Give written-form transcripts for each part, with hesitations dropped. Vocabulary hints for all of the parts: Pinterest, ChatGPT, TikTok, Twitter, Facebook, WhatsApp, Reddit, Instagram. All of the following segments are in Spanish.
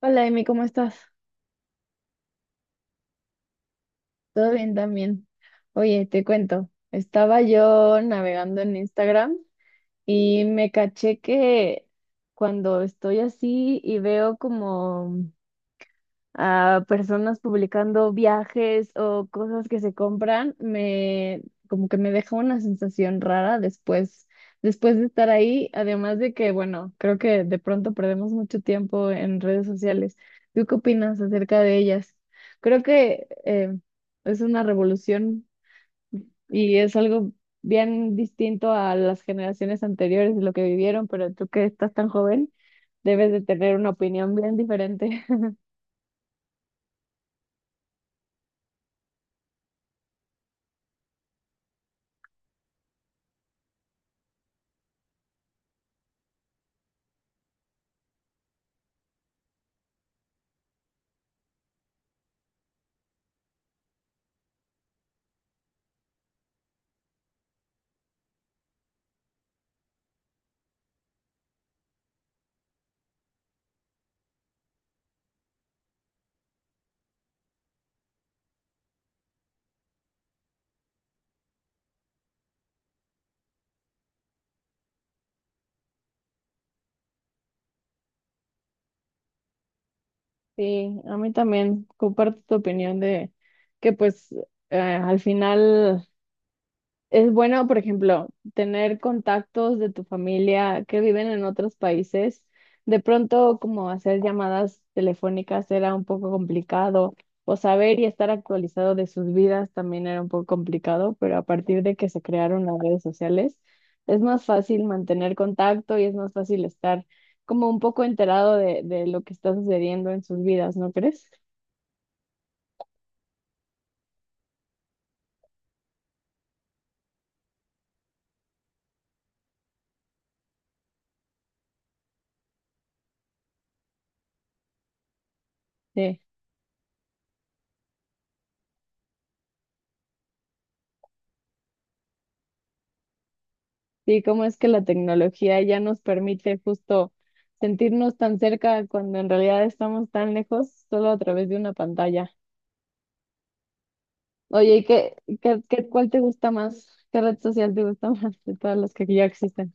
Hola, Emi, ¿cómo estás? ¿Todo bien también? Oye, te cuento, estaba yo navegando en Instagram y me caché que cuando estoy así y veo como a personas publicando viajes o cosas que se compran, me como que me deja una sensación rara después de estar ahí, además de que, bueno, creo que de pronto perdemos mucho tiempo en redes sociales. ¿Tú qué opinas acerca de ellas? Creo que es una revolución y es algo bien distinto a las generaciones anteriores de lo que vivieron, pero tú que estás tan joven, debes de tener una opinión bien diferente. Sí, a mí también comparto tu opinión de que pues al final. Es bueno, por ejemplo, tener contactos de tu familia que viven en otros países. De pronto, como hacer llamadas telefónicas era un poco complicado, o saber y estar actualizado de sus vidas también era un poco complicado, pero a partir de que se crearon las redes sociales, es más fácil mantener contacto y es más fácil estar como un poco enterado de lo que está sucediendo en sus vidas, ¿no crees? Sí. Sí, cómo es que la tecnología ya nos permite justo sentirnos tan cerca cuando en realidad estamos tan lejos solo a través de una pantalla. Oye, ¿y cuál te gusta más? ¿Qué red social te gusta más de todas las que ya existen?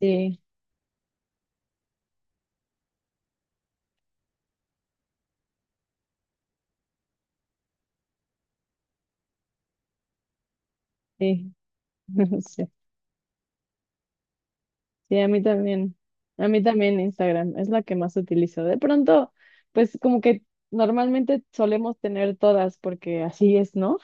Sí, sí, sí, sí, a mí también. A mí también Instagram es la que más utilizo. De pronto, pues como que normalmente solemos tener todas porque así es, ¿no?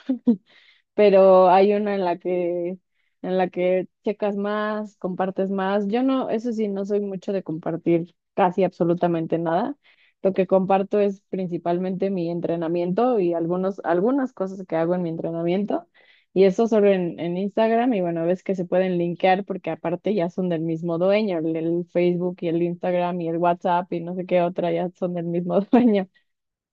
Pero hay una en la que checas más, compartes más. Yo no, eso sí, no soy mucho de compartir casi absolutamente nada. Lo que comparto es principalmente mi entrenamiento y algunas cosas que hago en mi entrenamiento. Y eso solo en Instagram. Y bueno, ves que se pueden linkear porque aparte ya son del mismo dueño. El Facebook y el Instagram y el WhatsApp y no sé qué otra ya son del mismo dueño.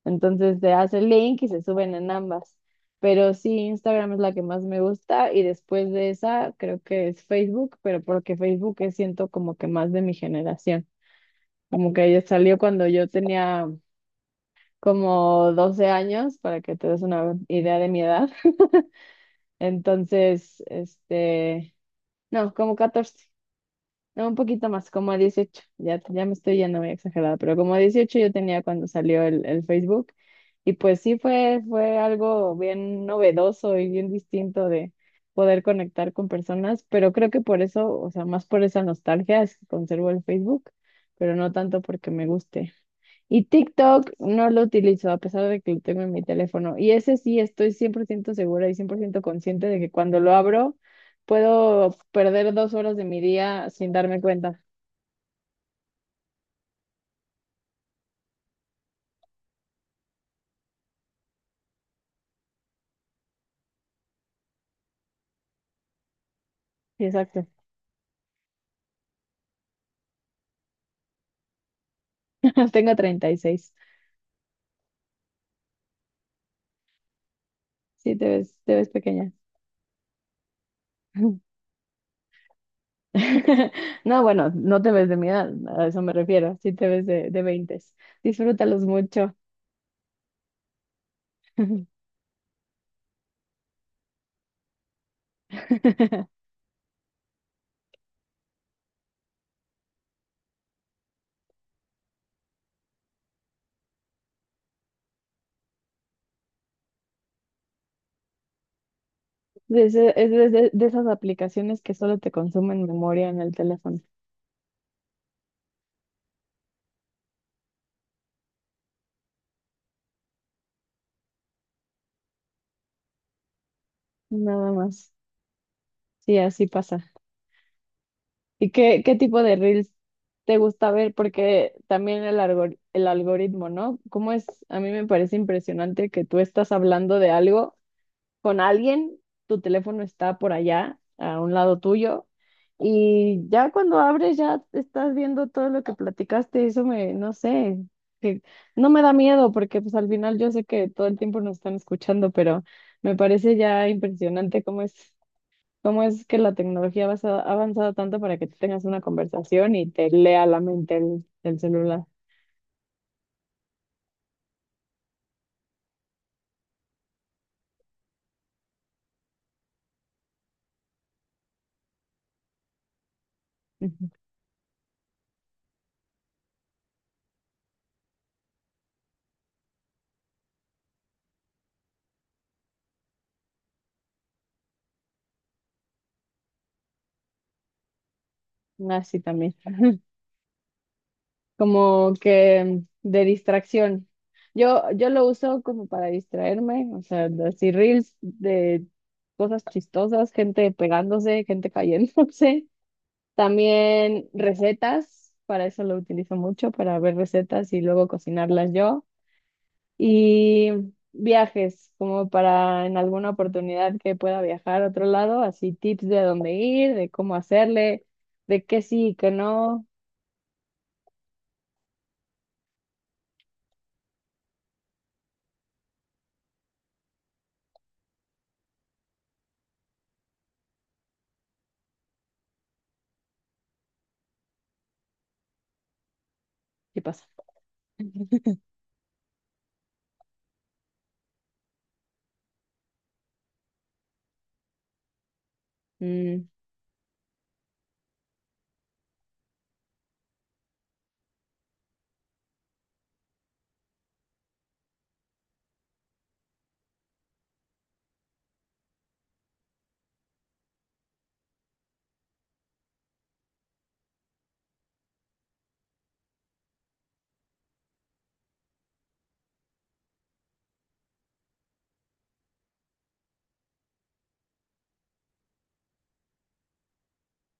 Entonces se hace el link y se suben en ambas. Pero sí, Instagram es la que más me gusta y después de esa creo que es Facebook, pero porque Facebook es siento como que más de mi generación. Como que ella salió cuando yo tenía como 12 años, para que te des una idea de mi edad. Entonces, no, como 14. No, un poquito más, como a 18. Ya, ya me estoy yendo muy exagerada, pero como a 18 yo tenía cuando salió el Facebook. Y pues sí fue algo bien novedoso y bien distinto de poder conectar con personas, pero creo que por eso, o sea, más por esa nostalgia es que conservo el Facebook, pero no tanto porque me guste. Y TikTok no lo utilizo, a pesar de que lo tengo en mi teléfono. Y ese sí estoy 100% segura y 100% consciente de que cuando lo abro puedo perder 2 horas de mi día sin darme cuenta. Sí, exacto. Tengo 36. Sí, te ves pequeña. No, bueno, no te ves de mi edad, a eso me refiero. Sí te ves de 20. Disfrútalos mucho. De ese- es de esas aplicaciones que solo te consumen memoria en el teléfono. Nada más. Sí, así pasa. ¿Y qué tipo de reels te gusta ver? Porque también el algoritmo, ¿no? ¿Cómo es? A mí me parece impresionante que tú estás hablando de algo con alguien, tu teléfono está por allá, a un lado tuyo, y ya cuando abres ya estás viendo todo lo que platicaste, eso no sé, que no me da miedo porque pues al final yo sé que todo el tiempo nos están escuchando, pero me parece ya impresionante ¿Cómo es que la tecnología ha avanzado tanto para que tú tengas una conversación y te lea la mente el celular? Ujú. Así también. Como que de distracción. Yo lo uso como para distraerme, o sea, así reels de cosas chistosas, gente pegándose, gente cayéndose. También recetas, para eso lo utilizo mucho, para ver recetas y luego cocinarlas yo. Y viajes, como para en alguna oportunidad que pueda viajar a otro lado, así tips de dónde ir, de cómo hacerle, de qué sí y qué no, qué pasa. Mm,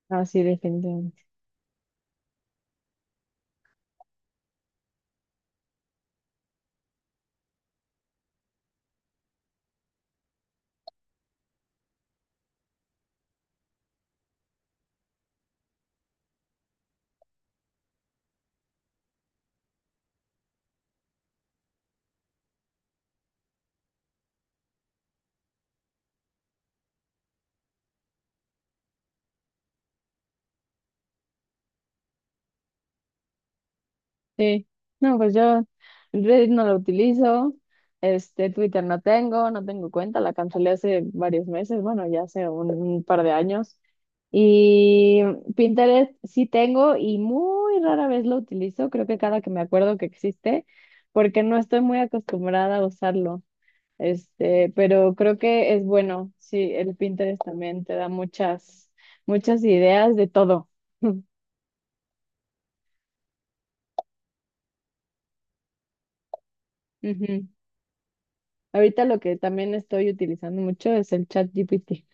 no, sí, definitivamente. Sí, no, pues yo Reddit no lo utilizo, Twitter no tengo, cuenta, la cancelé hace varios meses, bueno, ya hace un par de años. Y Pinterest sí tengo y muy rara vez lo utilizo, creo que cada que me acuerdo que existe, porque no estoy muy acostumbrada a usarlo. Pero creo que es bueno, sí, el Pinterest también te da muchas, muchas ideas de todo. Ujú. Ahorita lo que también estoy utilizando mucho es el chat GPT.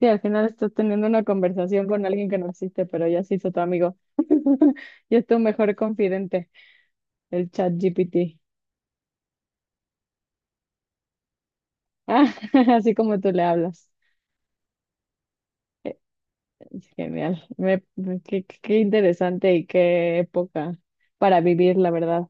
Sí, al final estás teniendo una conversación con alguien que no existe, pero ya se hizo tu amigo. Ya es tu mejor confidente, el chat GPT. Ah, así como tú le hablas. Es genial. Qué interesante y qué época para vivir, la verdad.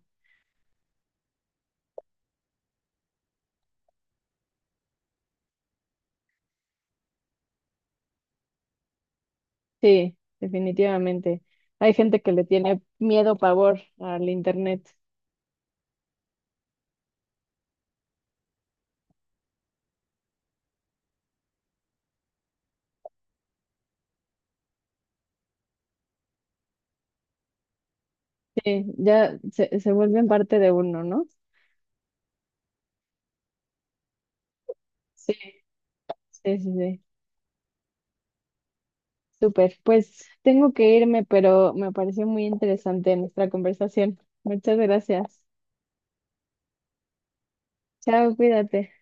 Sí, definitivamente. Hay gente que le tiene miedo, pavor al internet. Sí, ya se vuelven parte de uno, ¿no? Sí, sí, sí, sí. Súper, pues tengo que irme, pero me pareció muy interesante nuestra conversación. Muchas gracias. Chao, cuídate.